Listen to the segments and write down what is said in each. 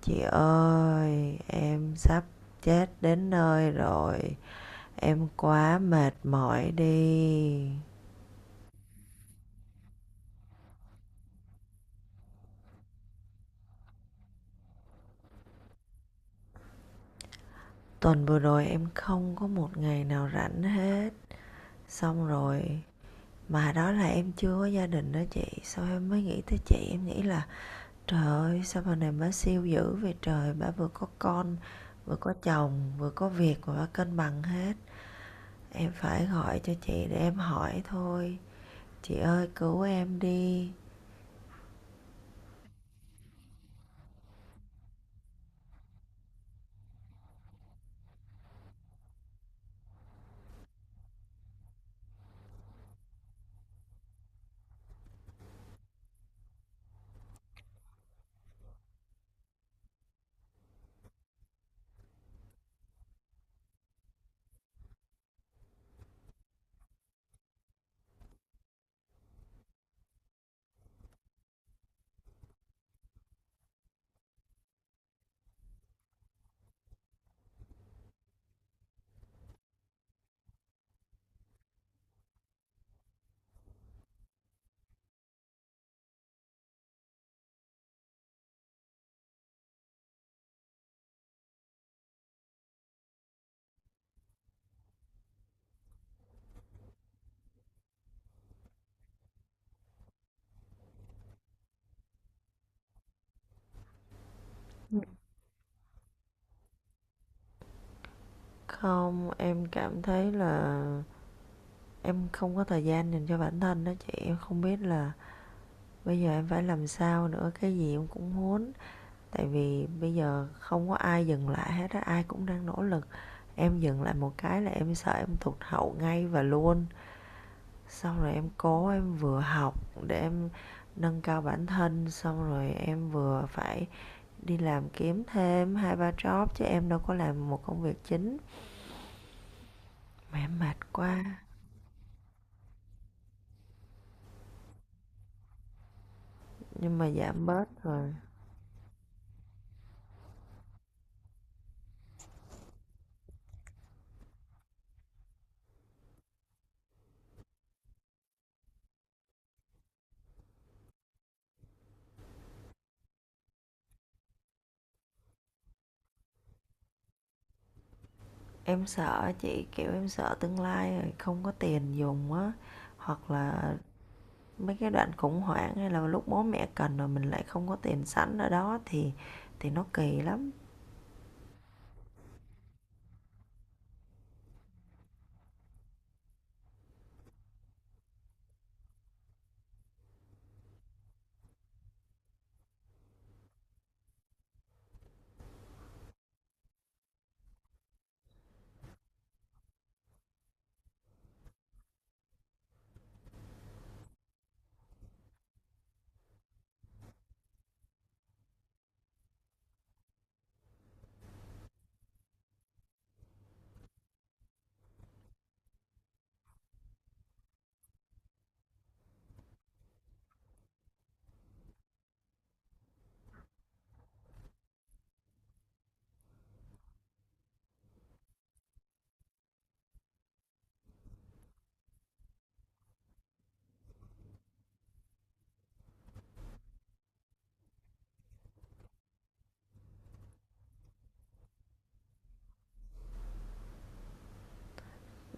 Chị ơi, em sắp chết đến nơi rồi. Em quá mệt mỏi đi. Tuần vừa rồi em không có một ngày nào rảnh hết. Xong rồi, mà đó là em chưa có gia đình đó chị. Sau em mới nghĩ tới chị, em nghĩ là trời ơi, sao bà này bà siêu dữ vậy trời. Bà vừa có con, vừa có chồng, vừa có việc mà bà cân bằng hết. Em phải gọi cho chị để em hỏi thôi. Chị ơi, cứu em đi. Không, em cảm thấy là em không có thời gian dành cho bản thân đó chị, em không biết là bây giờ em phải làm sao nữa, cái gì em cũng muốn. Tại vì bây giờ không có ai dừng lại hết á, ai cũng đang nỗ lực. Em dừng lại một cái là em sợ em tụt hậu ngay và luôn. Xong rồi em cố em vừa học để em nâng cao bản thân, xong rồi em vừa phải đi làm kiếm thêm hai ba job chứ em đâu có làm một công việc chính. Mà em mệt quá. Nhưng mà giảm bớt rồi em sợ chị, kiểu em sợ tương lai rồi không có tiền dùng á, hoặc là mấy cái đoạn khủng hoảng hay là lúc bố mẹ cần rồi mình lại không có tiền sẵn ở đó thì nó kỳ lắm.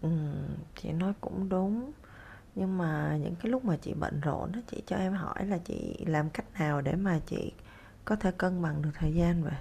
Ừ, chị nói cũng đúng, nhưng mà những cái lúc mà chị bận rộn á chị cho em hỏi là chị làm cách nào để mà chị có thể cân bằng được thời gian vậy?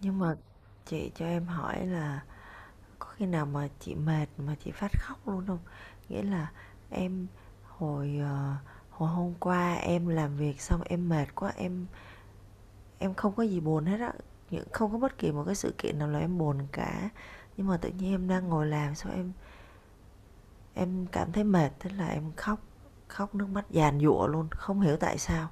Nhưng mà chị cho em hỏi là có khi nào mà chị mệt mà chị phát khóc luôn không? Nghĩa là em hồi, ờ, hồi hôm qua em làm việc xong em mệt quá, em không có gì buồn hết á, không có bất kỳ một cái sự kiện nào là em buồn cả. Nhưng mà tự nhiên em đang ngồi làm xong em cảm thấy mệt, thế là em khóc, khóc nước mắt dàn dụa luôn, không hiểu tại sao.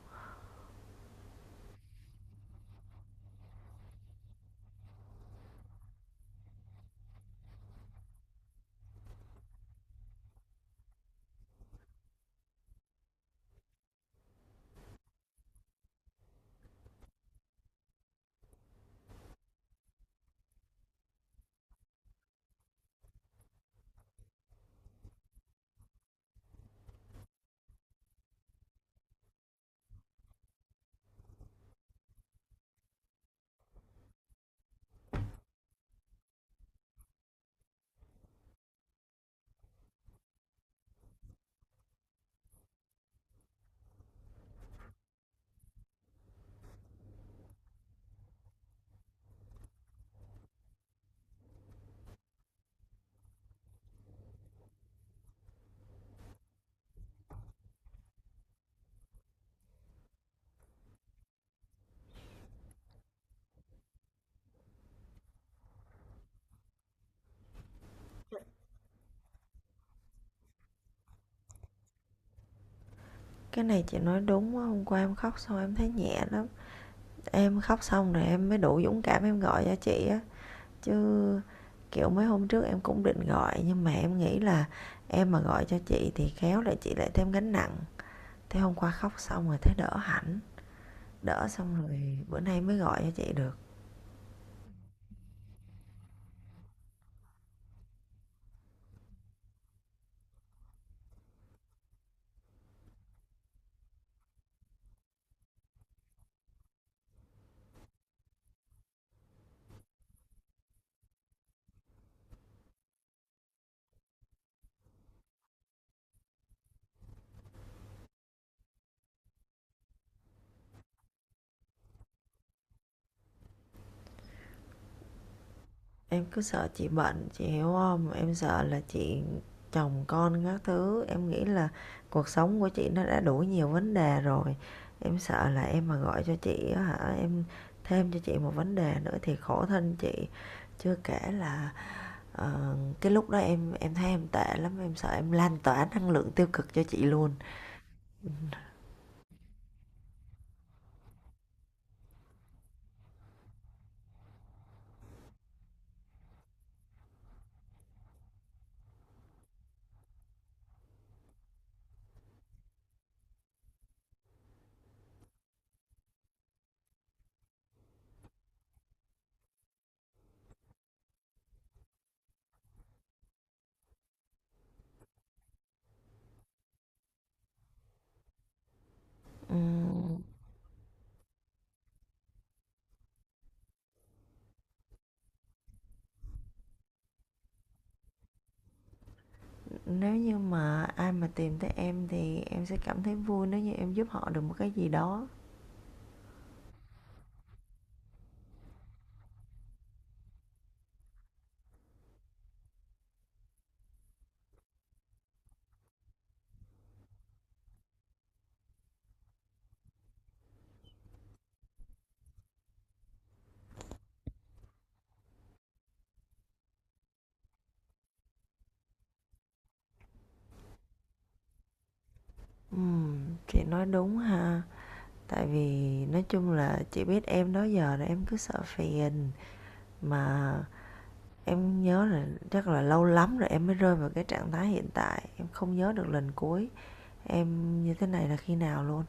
Cái này chị nói đúng á, hôm qua em khóc xong em thấy nhẹ lắm, em khóc xong rồi em mới đủ dũng cảm em gọi cho chị á. Chứ kiểu mấy hôm trước em cũng định gọi nhưng mà em nghĩ là em mà gọi cho chị thì khéo lại chị lại thêm gánh nặng. Thế hôm qua khóc xong rồi thấy đỡ hẳn, đỡ xong rồi bữa nay mới gọi cho chị được. Em cứ sợ chị bệnh chị hiểu không, em sợ là chị chồng con các thứ em nghĩ là cuộc sống của chị nó đã đủ nhiều vấn đề rồi, em sợ là em mà gọi cho chị á hả em thêm cho chị một vấn đề nữa thì khổ thân chị. Chưa kể là cái lúc đó em thấy em tệ lắm em sợ em lan tỏa năng lượng tiêu cực cho chị luôn. Ừm, nếu như mà ai mà tìm tới em thì em sẽ cảm thấy vui nếu như em giúp họ được một cái gì đó. Ừm, chị nói đúng ha, tại vì nói chung là chị biết em đó giờ là em cứ sợ phiền mà. Em nhớ là chắc là lâu lắm rồi em mới rơi vào cái trạng thái hiện tại, em không nhớ được lần cuối em như thế này là khi nào luôn.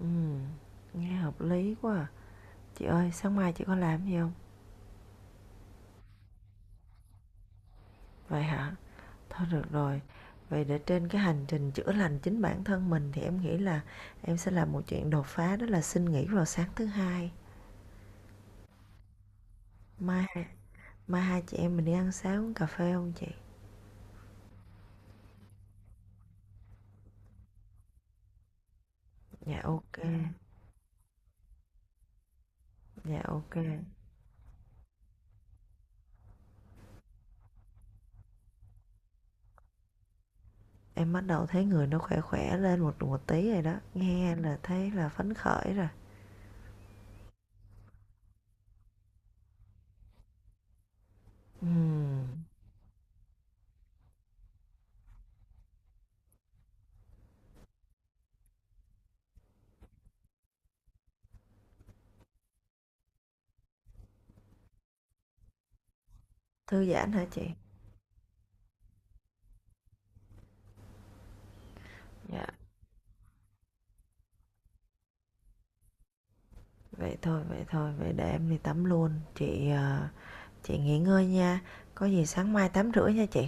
Ừm, nghe hợp lý quá à. Chị ơi, sáng mai chị có làm gì không? Vậy hả? Thôi được rồi. Vậy để trên cái hành trình chữa lành chính bản thân mình thì em nghĩ là em sẽ làm một chuyện đột phá đó là xin nghỉ vào sáng thứ hai. Mai mai hai chị em mình đi ăn sáng uống cà phê không chị? Dạ ok. Dạ ok. Em bắt đầu thấy người nó khỏe khỏe lên một một tí rồi đó. Nghe là thấy là phấn khởi rồi. Ừm, Thư giãn hả chị? Dạ. Vậy thôi, vậy thôi, vậy để em đi tắm luôn. Chị nghỉ ngơi nha, có gì sáng mai 8:30 nha chị.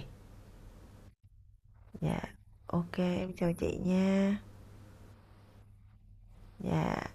Dạ, ok em chào chị nha. Dạ.